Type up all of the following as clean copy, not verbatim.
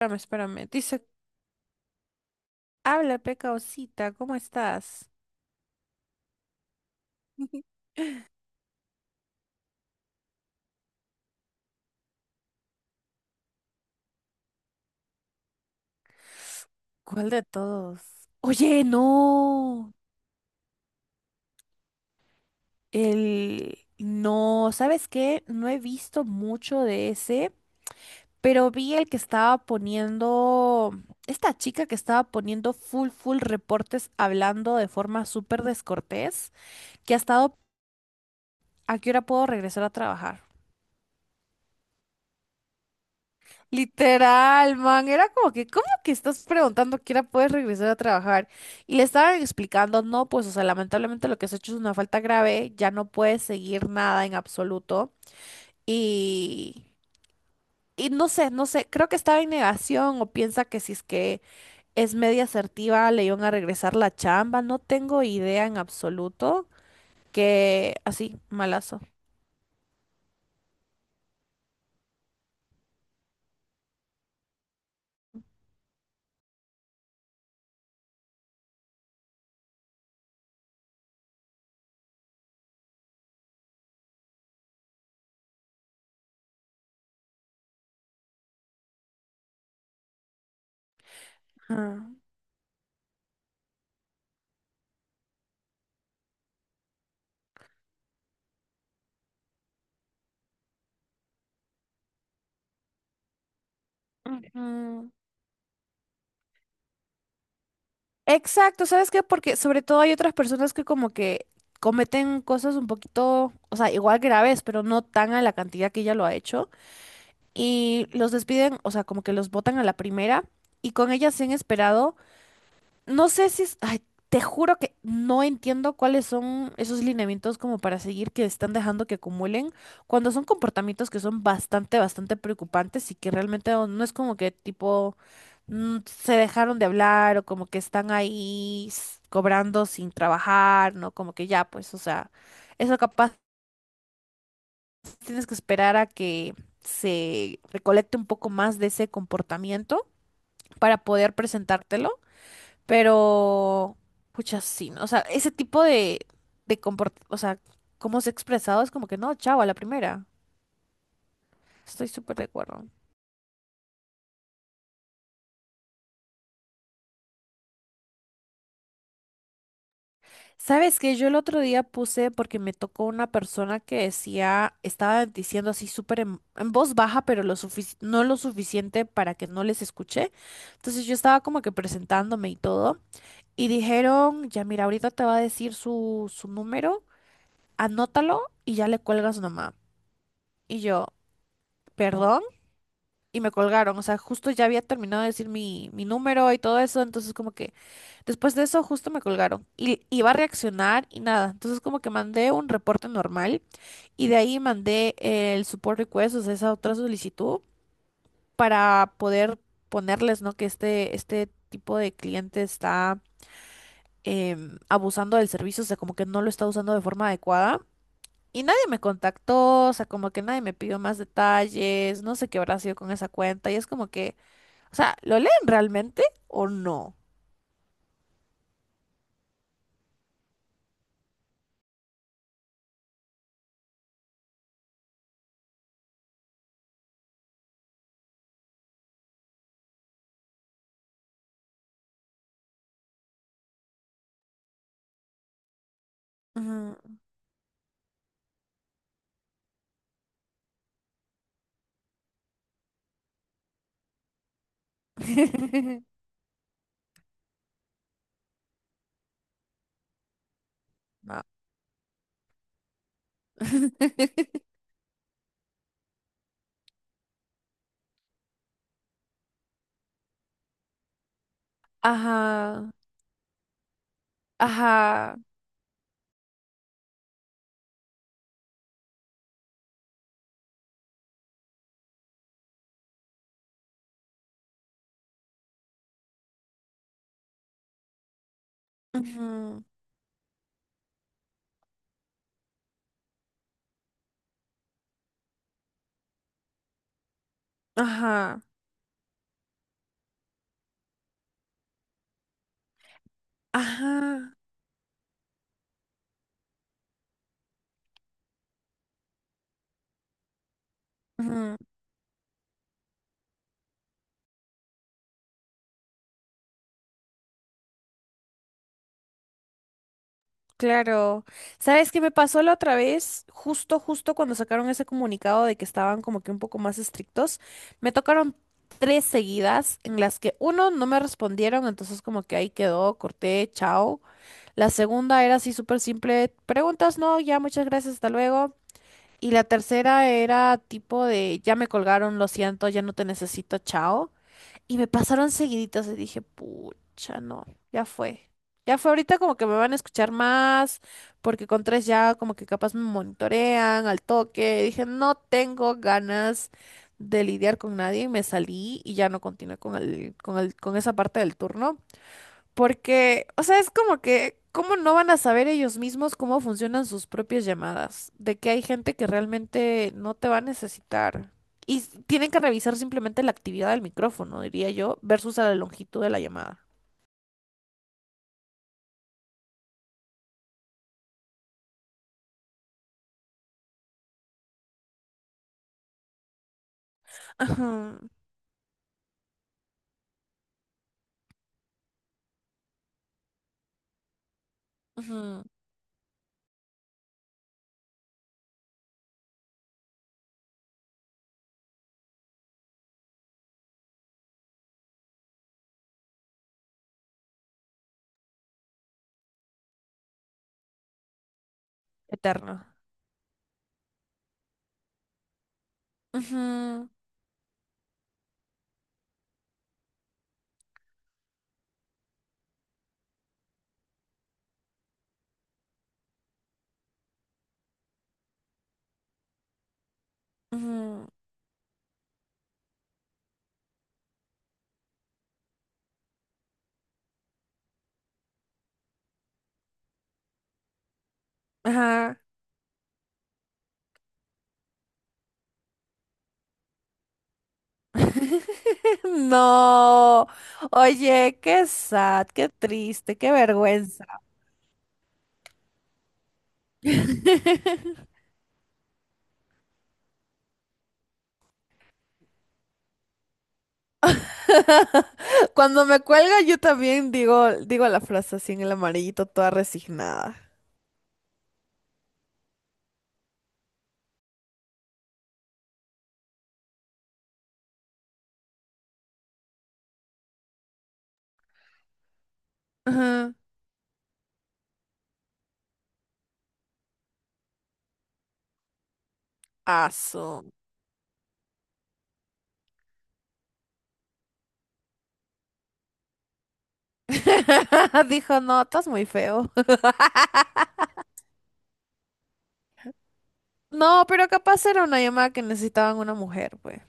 Espérame, espérame. Dice, habla, peca osita, ¿cómo estás? ¿Cuál de todos? Oye, no. El... No, ¿sabes qué? No he visto mucho de ese, pero vi el que estaba poniendo... Esta chica que estaba poniendo full, full reportes hablando de forma súper descortés, que ha estado... ¿A qué hora puedo regresar a trabajar? Literal, man, era como que, ¿cómo que estás preguntando que ahora puedes regresar a trabajar? Y le estaban explicando, no, pues, o sea, lamentablemente lo que has hecho es una falta grave, ya no puedes seguir nada en absoluto. Y, y no sé, no sé, creo que estaba en negación o piensa que si es que es media asertiva le iban a regresar la chamba, no tengo idea en absoluto, que así, malazo. Ah, ujú. Exacto, ¿sabes qué? Porque sobre todo hay otras personas que como que cometen cosas un poquito, o sea, igual graves, pero no tan a la cantidad que ella lo ha hecho. Y los despiden, o sea, como que los botan a la primera y con ella se han esperado. No sé si es... Ay, te juro que no entiendo cuáles son esos lineamientos como para seguir que están dejando que acumulen cuando son comportamientos que son bastante, bastante preocupantes y que realmente no, no es como que tipo se dejaron de hablar o como que están ahí cobrando sin trabajar, ¿no? Como que ya, pues, o sea, eso capaz tienes que esperar a que se recolecte un poco más de ese comportamiento para poder presentártelo. Pero, pucha, sí, ¿no? O sea, ese tipo de comportamiento, o sea, cómo se ha expresado es como que no, chavo, a la primera. Estoy súper de acuerdo. ¿Sabes qué? Yo el otro día puse porque me tocó una persona que decía, estaba diciendo así súper en voz baja, pero lo no lo suficiente para que no les escuché. Entonces yo estaba como que presentándome y todo. Y dijeron, ya mira, ahorita te va a decir su número, anótalo y ya le cuelgas nomás. Y yo, ¿perdón? Y me colgaron. O sea, justo ya había terminado de decir mi número y todo eso. Entonces, como que después de eso, justo me colgaron. Y iba a reaccionar y nada. Entonces, como que mandé un reporte normal y de ahí mandé el support request, o sea, esa otra solicitud para poder ponerles, ¿no? Que este tipo de cliente está abusando del servicio, o sea, como que no lo está usando de forma adecuada. Y nadie me contactó, o sea, como que nadie me pidió más detalles, no sé qué habrá sido con esa cuenta, y es como que, o sea, ¿lo leen realmente o no? Ajá. No. Ajá, ajá, ujú, ajá, ajá, ujú, claro. ¿Sabes qué me pasó la otra vez? Justo, justo cuando sacaron ese comunicado de que estaban como que un poco más estrictos, me tocaron 3 seguidas en las que uno no me respondieron, entonces como que ahí quedó, corté, chao. La segunda era así súper simple, preguntas, no, ya, muchas gracias, hasta luego. Y la tercera era tipo de, ya me colgaron, lo siento, ya no te necesito, chao. Y me pasaron seguiditas y dije, pucha, no, ya fue. Ya fue ahorita como que me van a escuchar más, porque con tres ya como que capaz me monitorean al toque. Dije, no tengo ganas de lidiar con nadie y me salí y ya no continué con el, con el, con esa parte del turno. Porque, o sea, es como que, ¿cómo no van a saber ellos mismos cómo funcionan sus propias llamadas? De que hay gente que realmente no te va a necesitar. Y tienen que revisar simplemente la actividad del micrófono, diría yo, versus a la longitud de la llamada. Ajá, ujú, eterno. Ujú, ujú, ajá. No. Oye, qué sad, qué triste, qué vergüenza. Cuando me cuelga, yo también digo, digo la frase así en el amarillito, toda resignada. Ajá. Aso. Dijo, no, estás muy feo. No, pero capaz era una llamada que necesitaban una mujer, pues.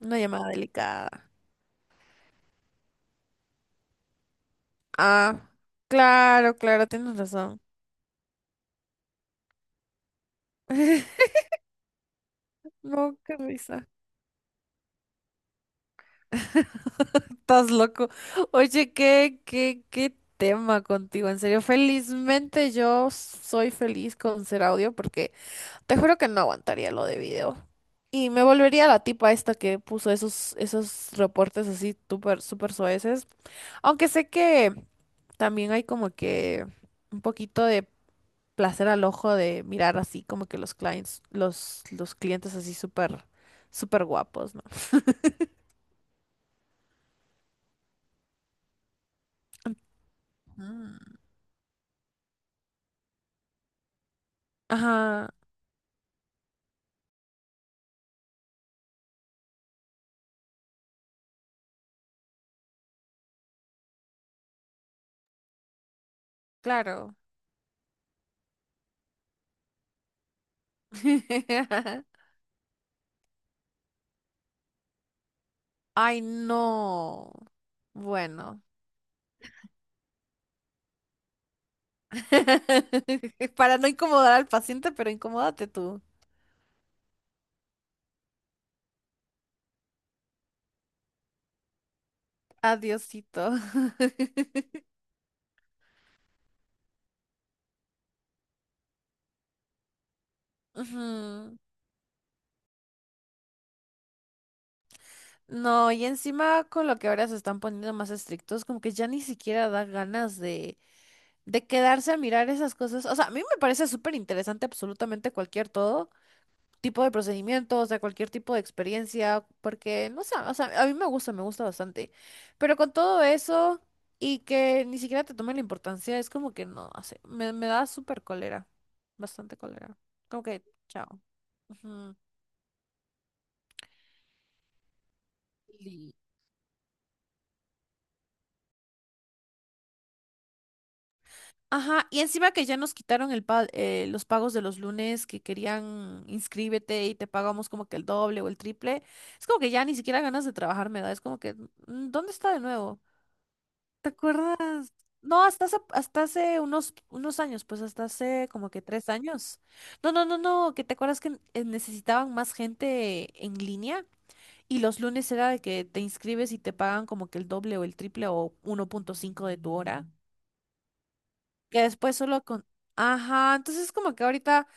Una llamada delicada. Ah, claro, claro, tienes razón. No, qué risa. Estás loco. Oye, qué, qué, qué tema contigo, en serio. Felizmente yo soy feliz con ser audio porque te juro que no aguantaría lo de video. Y me volvería la tipa esta que puso esos, esos reportes así súper, súper soeces. Aunque sé que también hay como que un poquito de placer al ojo de mirar así como que los clients, los clientes así súper, súper guapos, ¿no? Mm. Ajá, claro. Ay, no. Bueno. Para no incomodar al paciente, pero incomódate tú. Adiosito. Ujú. No, y encima con lo que ahora se están poniendo más estrictos, como que ya ni siquiera da ganas de quedarse a mirar esas cosas. O sea, a mí me parece súper interesante absolutamente cualquier todo tipo de procedimiento, o sea, cualquier tipo de experiencia, porque, no sé, o sea, a mí me gusta bastante. Pero con todo eso y que ni siquiera te tome la importancia, es como que no, no sé, me da súper cólera, bastante cólera. Como que, chao. Ujú. Ajá, y encima que ya nos quitaron los pagos de los lunes que querían inscríbete y te pagamos como que el doble o el triple. Es como que ya ni siquiera ganas de trabajar me da. Es como que, mm, ¿dónde está de nuevo? ¿Te acuerdas? No, hasta hace unos, unos años, pues hasta hace como que 3 años. No, no, no, no, que te acuerdas que necesitaban más gente en línea y los lunes era de que te inscribes y te pagan como que el doble o el triple o 1.5 de tu hora que después solo con... Ajá, entonces como que ahorita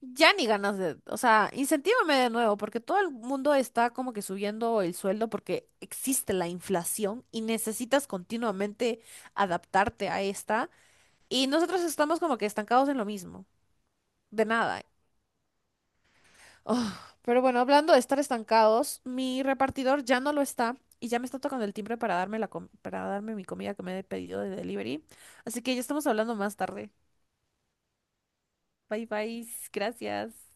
ya ni ganas de... O sea, incentívame de nuevo, porque todo el mundo está como que subiendo el sueldo porque existe la inflación y necesitas continuamente adaptarte a esta. Y nosotros estamos como que estancados en lo mismo, de nada. Ugh, pero bueno, hablando de estar estancados, mi repartidor ya no lo está y ya me está tocando el timbre para darme para darme mi comida que me he pedido de delivery. Así que ya estamos hablando más tarde. Bye bye, gracias.